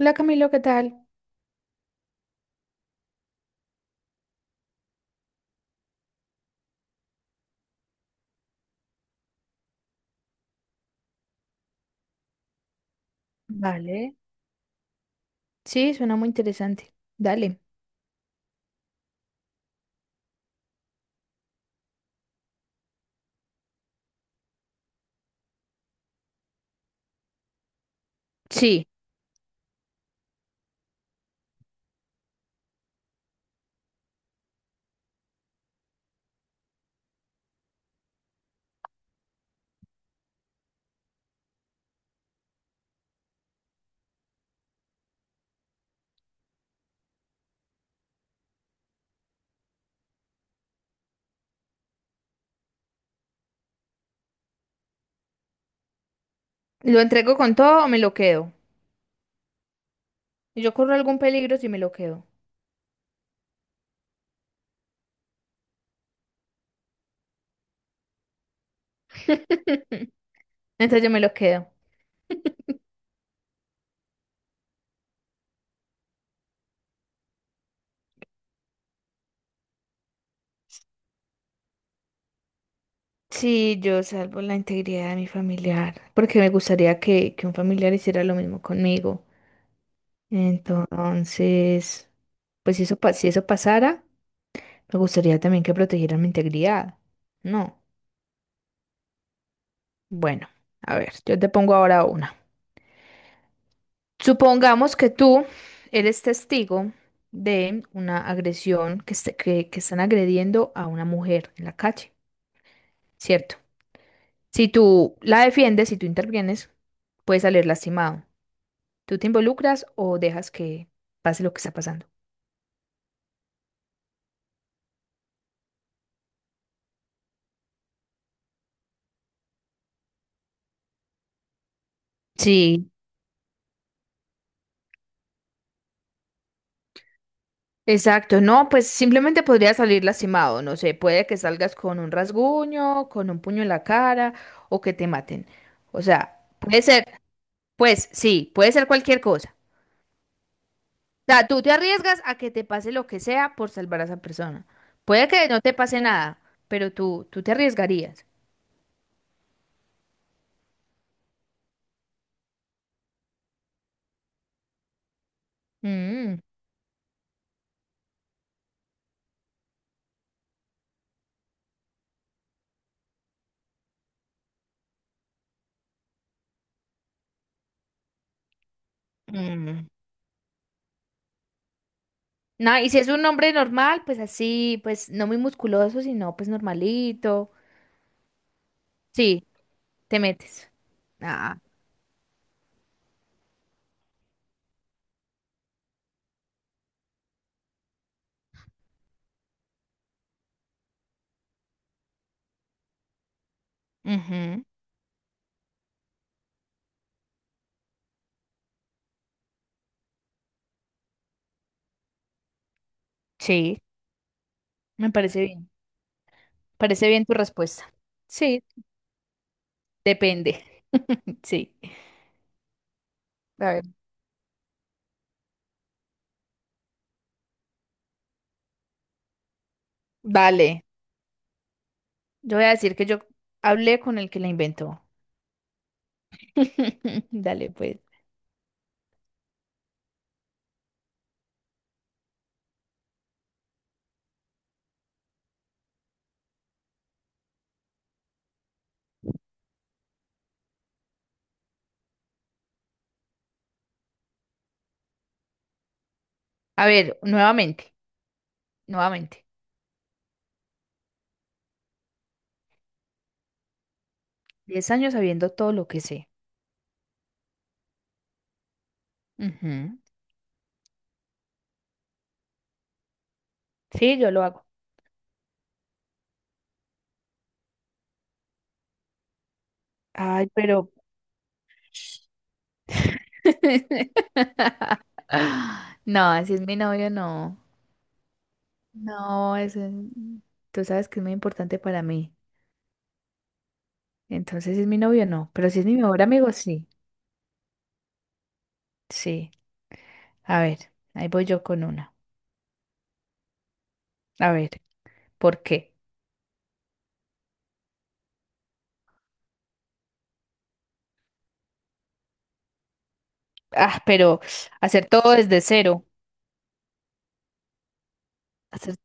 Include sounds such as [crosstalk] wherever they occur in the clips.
Hola Camilo, ¿qué tal? Vale. Sí, suena muy interesante. Dale. Sí, ¿lo entrego con todo o me lo quedo? Yo corro algún peligro si me lo quedo. Entonces yo me lo quedo. Sí, yo salvo la integridad de mi familiar, porque me gustaría que un familiar hiciera lo mismo conmigo. Entonces, pues si eso, si eso pasara, me gustaría también que protegieran mi integridad. No. Bueno, a ver, yo te pongo ahora una. Supongamos que tú eres testigo de una agresión que, que están agrediendo a una mujer en la calle, ¿cierto? Si tú la defiendes, si tú intervienes, puedes salir lastimado. ¿Tú te involucras o dejas que pase lo que está pasando? Sí, exacto. No, pues simplemente podría salir lastimado. No sé, puede que salgas con un rasguño, con un puño en la cara o que te maten. O sea, puede ser, pues sí, puede ser cualquier cosa. Sea, tú te arriesgas a que te pase lo que sea por salvar a esa persona. Puede que no te pase nada, pero tú te arriesgarías. Mm. Mm. No, y si es un hombre normal, pues así, pues no muy musculoso, sino pues normalito. Sí, te metes. Ah, ujú, sí, me parece bien. Parece bien tu respuesta. Sí, depende. [laughs] Sí. A ver, dale. Yo voy a decir que yo hablé con el que la inventó. [laughs] Dale, pues. A ver, nuevamente. 10 años sabiendo todo lo que sé. Ujú. Sí, yo lo hago. Ay, pero... [laughs] No, así es mi novio, no. No, es... tú sabes que es muy importante para mí. Entonces, si es mi novio, no. Pero si es mi mejor amigo, sí. Sí. A ver, ahí voy yo con una. A ver, ¿por qué? Ah, pero hacer todo desde cero. Hacer...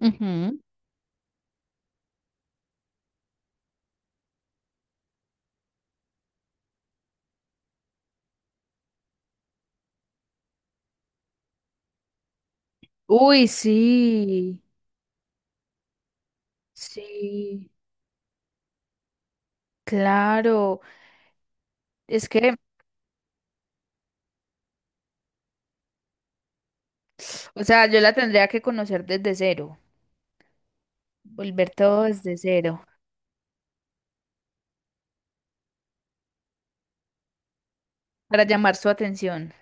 Ujú. Uy, sí. Sí, claro. Es que, o sea, yo la tendría que conocer desde cero, volver todo desde cero, para llamar su atención.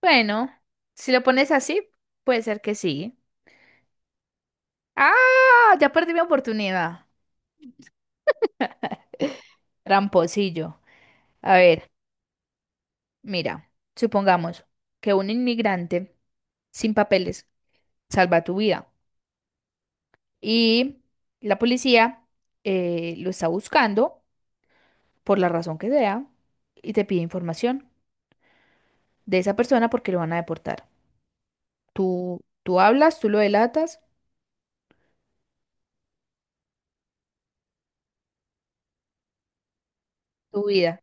Bueno, si lo pones así, puede ser que sí. Ah, ya perdí mi oportunidad. Tramposillo. A ver, mira, supongamos que un inmigrante sin papeles salva tu vida y la policía lo está buscando por la razón que sea y te pide información de esa persona porque lo van a deportar. Tú hablas, tú lo delatas, tu vida.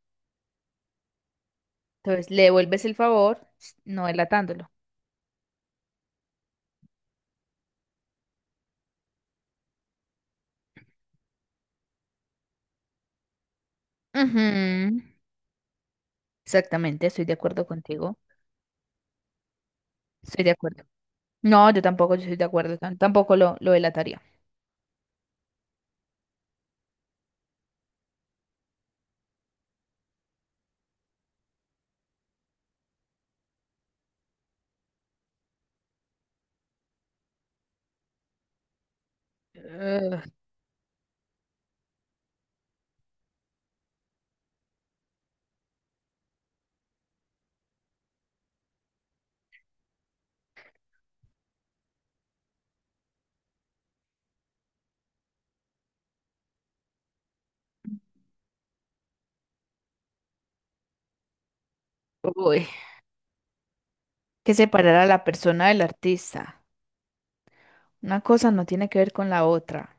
Entonces le devuelves el favor no delatándolo. Ujú. Exactamente, estoy de acuerdo contigo. Estoy de acuerdo. No, yo tampoco, yo estoy de acuerdo. Tampoco lo delataría. Ugh. Uy, que separar a la persona del artista. Una cosa no tiene que ver con la otra.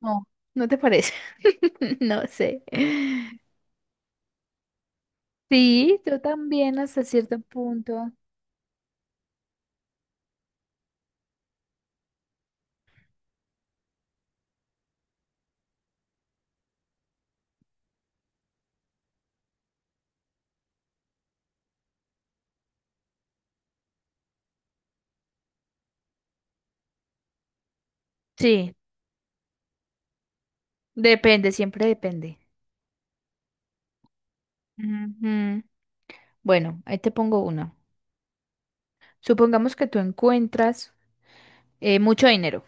No, ¿no te parece? [laughs] No sé. Sí, yo también hasta cierto punto. Sí, depende, siempre depende. Ujú. Bueno, ahí te pongo una. Supongamos que tú encuentras mucho dinero.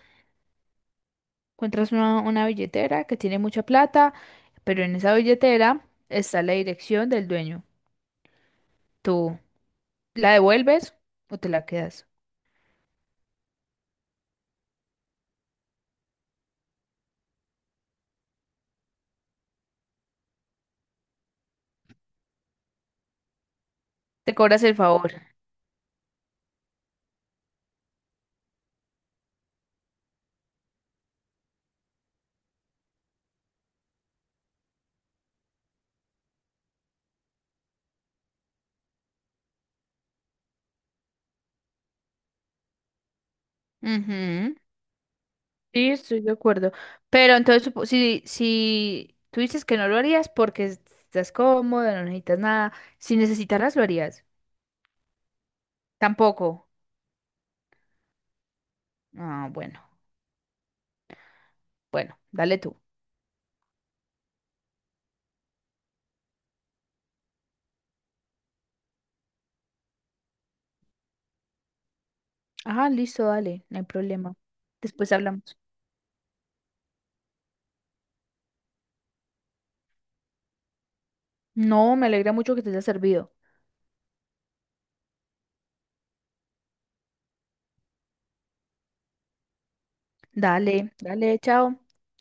Encuentras una billetera que tiene mucha plata, pero en esa billetera está la dirección del dueño. ¿Tú la devuelves o te la quedas? Te cobras el favor. Ujú. Sí, estoy de acuerdo. Pero entonces, si, si tú dices que no lo harías porque estás cómoda, no necesitas nada, si necesitaras lo harías. Tampoco. Ah, bueno, bueno, dale tú. Ah, listo, dale, no hay problema. Después hablamos. No, me alegra mucho que te haya servido. Dale, dale, chao.